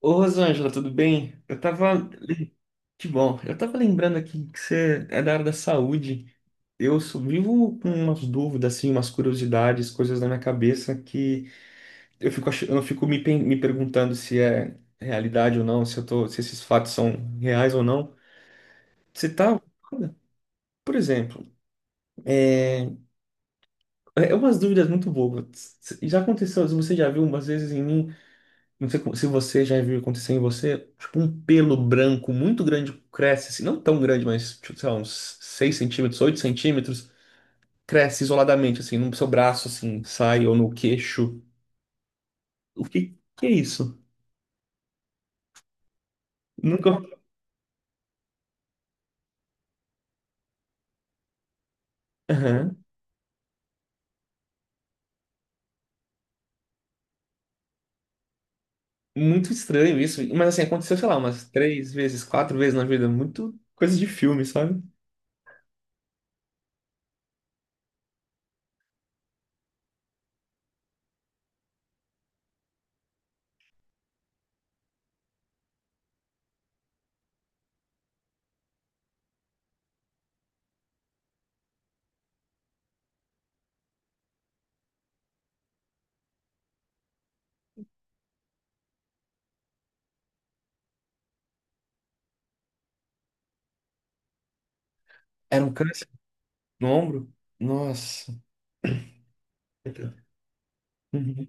Ô, Rosângela, tudo bem? Eu tava. Que bom. Eu tava lembrando aqui que você é da área da saúde. Vivo com umas dúvidas, assim, umas curiosidades, coisas na minha cabeça que eu eu fico me perguntando se é realidade ou não, se eu tô, se esses fatos são reais ou não. Você tá. Por exemplo, é umas dúvidas muito bobas. Já aconteceu, você já viu umas vezes em mim? Se você já viu acontecer em você, tipo, um pelo branco muito grande cresce, assim, não tão grande, mas, tipo, sei lá, uns 6 centímetros, 8 centímetros, cresce isoladamente, assim, no seu braço, assim, sai ou no queixo. O que que é isso? Nunca. Aham. Muito estranho isso, mas assim, aconteceu, sei lá, umas três vezes, quatro vezes na vida, muito coisa de filme, sabe? Era um câncer no ombro? Nossa. Uhum.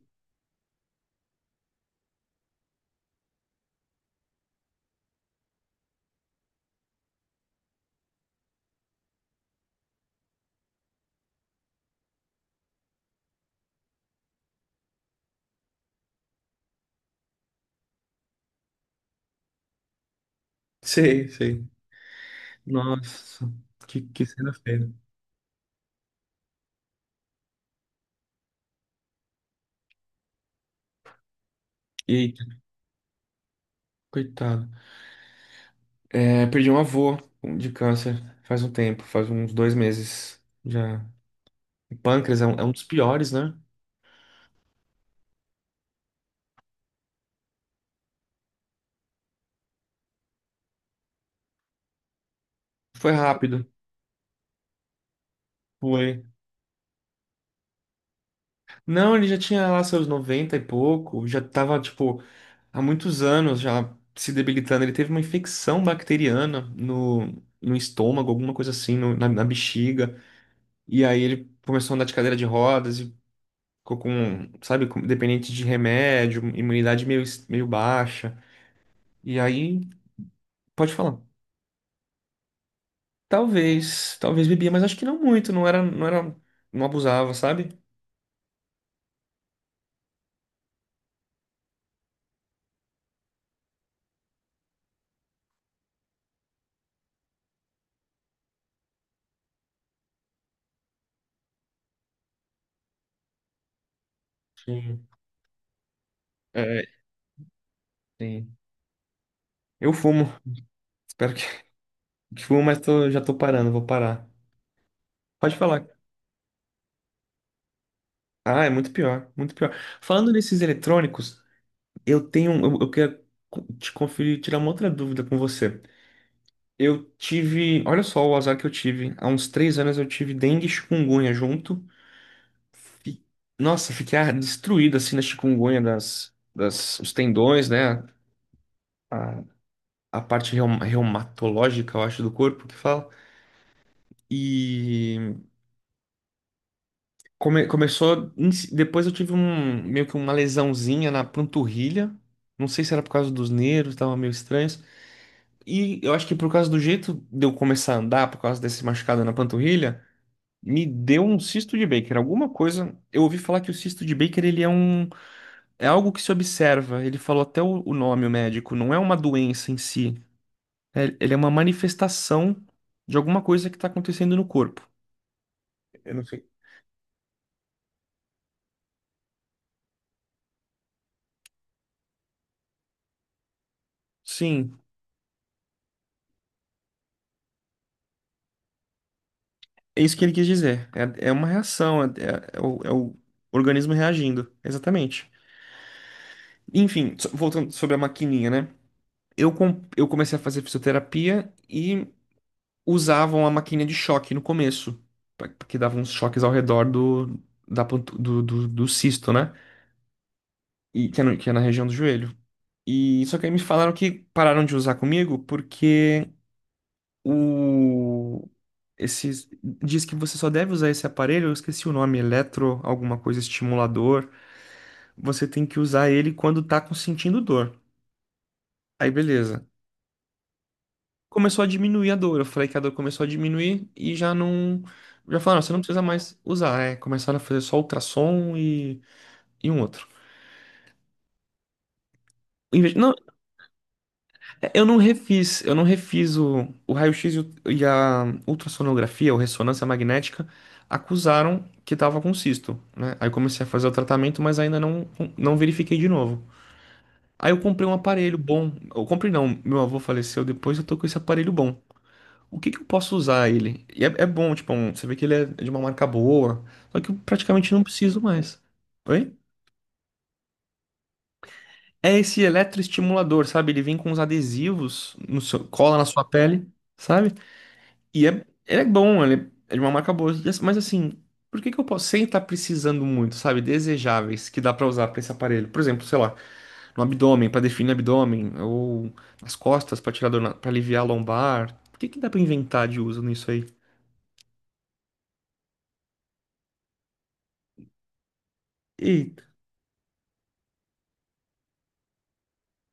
Sei, sei. Nossa, que cena feia. Eita, coitado. É, perdi um avô de câncer faz um tempo, faz uns dois meses já. O pâncreas é um dos piores, né? Foi rápido. Foi. Não, ele já tinha lá seus 90 e pouco, já tava, tipo, há muitos anos já se debilitando. Ele teve uma infecção bacteriana no estômago, alguma coisa assim, na bexiga. E aí ele começou a andar de cadeira de rodas e ficou com, sabe, dependente de remédio, imunidade meio, meio baixa. E aí, pode falar. Talvez, talvez bebia, mas acho que não muito, não era, não abusava, sabe? Sim. É, sim. Eu fumo, espero que, que fumo, mas tô, já tô parando, vou parar. Pode falar. Ah, é muito pior, muito pior. Falando nesses eletrônicos, eu quero te conferir, tirar uma outra dúvida com você. Eu tive, olha só o azar que eu tive. Há uns três anos eu tive dengue e chikungunya junto. Fi- Nossa, fiquei ah, destruído assim na chikungunya os tendões, né? A, a parte reumatológica, eu acho, do corpo que fala. E começou. Depois eu tive um meio que uma lesãozinha na panturrilha. Não sei se era por causa dos nervos, tava meio estranhos. E eu acho que por causa do jeito de eu começar a andar, por causa desse machucado na panturrilha, me deu um cisto de Baker. Alguma coisa. Eu ouvi falar que o cisto de Baker ele é um. É algo que se observa. Ele falou até o nome, o médico. Não é uma doença em si. Ele é uma manifestação de alguma coisa que está acontecendo no corpo. Eu não sei. Sim, é isso que ele quis dizer. É, é uma reação, é o organismo reagindo. Exatamente. Enfim, voltando sobre a maquininha, né? Eu comecei a fazer fisioterapia e usavam a maquininha de choque no começo, que dava uns choques ao redor do, da, pontu- do, do, do cisto, né? E, que é no- que é na região do joelho. E só que aí me falaram que pararam de usar comigo porque o esses diz que você só deve usar esse aparelho, eu esqueci o nome, eletro, alguma coisa estimulador, você tem que usar ele quando sentindo dor. Aí beleza. Começou a diminuir a dor. Eu falei que a dor começou a diminuir e já não já falaram, você não precisa mais usar, é, começaram a fazer só ultrassom e um outro. Não. É, eu não refiz, eu não refiz o raio-x e a ultrassonografia, ou ressonância magnética, acusaram que tava com cisto, né? Aí eu comecei a fazer o tratamento, mas ainda não, não verifiquei de novo. Aí eu comprei um aparelho bom. Eu comprei não, meu avô faleceu depois, eu tô com esse aparelho bom. O que que eu posso usar ele? É bom, tipo, você vê que ele é de uma marca boa, só que eu praticamente não preciso mais. Oi? É esse eletroestimulador, sabe? Ele vem com uns adesivos, no seu- cola na sua pele, sabe? E é, ele é bom, ele é de uma marca boa. Mas assim, por que que eu posso, sem estar precisando muito, sabe? Desejáveis que dá pra usar pra esse aparelho. Por exemplo, sei lá, no abdômen, pra definir abdômen, ou nas costas, pra tirar dor, pra aliviar a lombar. Por que que dá pra inventar de uso nisso aí? Eita,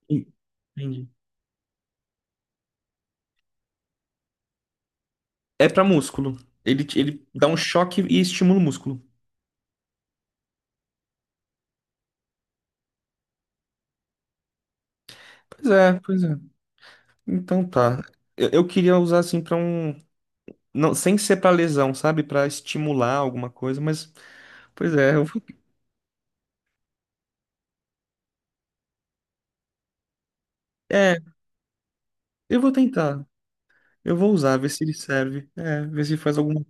entendi. É pra músculo. Ele dá um choque e estimula o músculo. Pois é, pois é. Então tá. Eu queria usar assim pra um. Não, sem ser pra lesão, sabe? Pra estimular alguma coisa, mas. Pois é, eu é, eu vou tentar. Eu vou usar, ver se ele serve. É, ver se faz alguma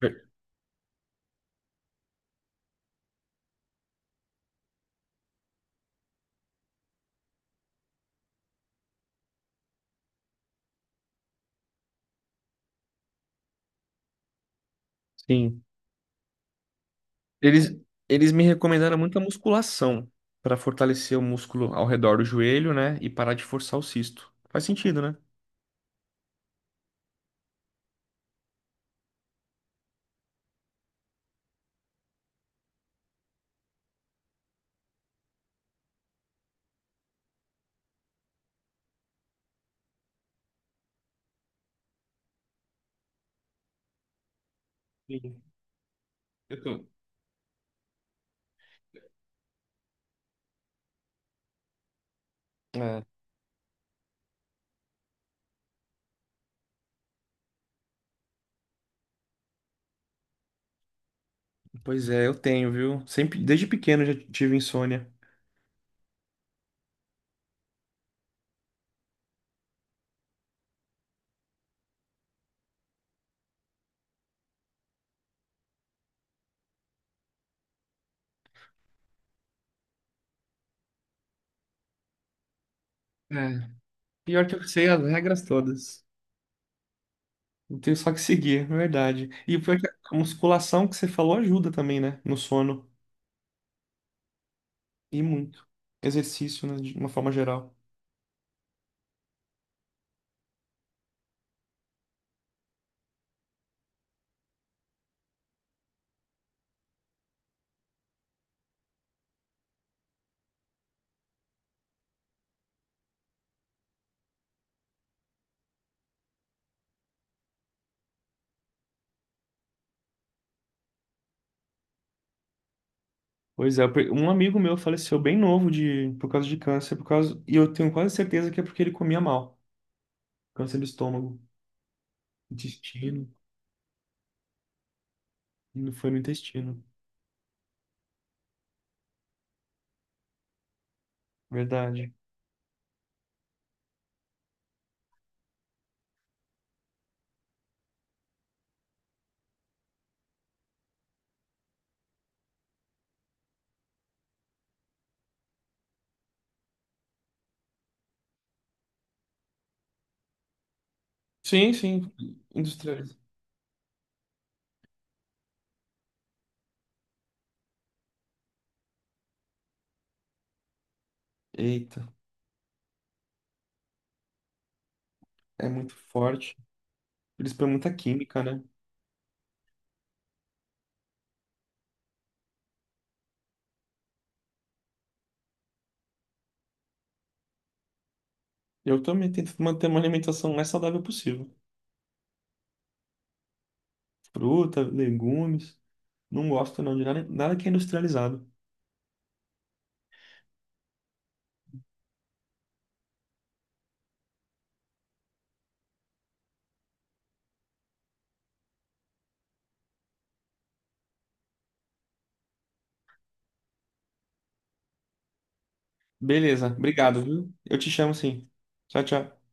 coisa. Sim. Eles, eles me recomendaram muita musculação para fortalecer o músculo ao redor do joelho, né? E parar de forçar o cisto. Faz sentido, né? Sim. Eu tô. É. Pois é, eu tenho, viu? Sempre, desde pequeno eu já tive insônia. É. Pior que eu sei as regras todas. Eu tenho só que seguir, é verdade. E o pior é que a musculação que você falou ajuda também, né? No sono. E muito. Exercício, né? De uma forma geral. Pois é, eu um amigo meu faleceu bem novo de, por causa de câncer, por causa, e eu tenho quase certeza que é porque ele comia mal. Câncer do estômago, intestino, e não foi no intestino, verdade. Sim, sim, industrializado. Eita, é muito forte. Eles põem muita química, né? Eu também tento manter uma alimentação mais saudável possível. Fruta, legumes, não gosto não de nada, nada que é industrializado. Beleza, obrigado, viu? Eu te chamo sim. Tchau, tchau.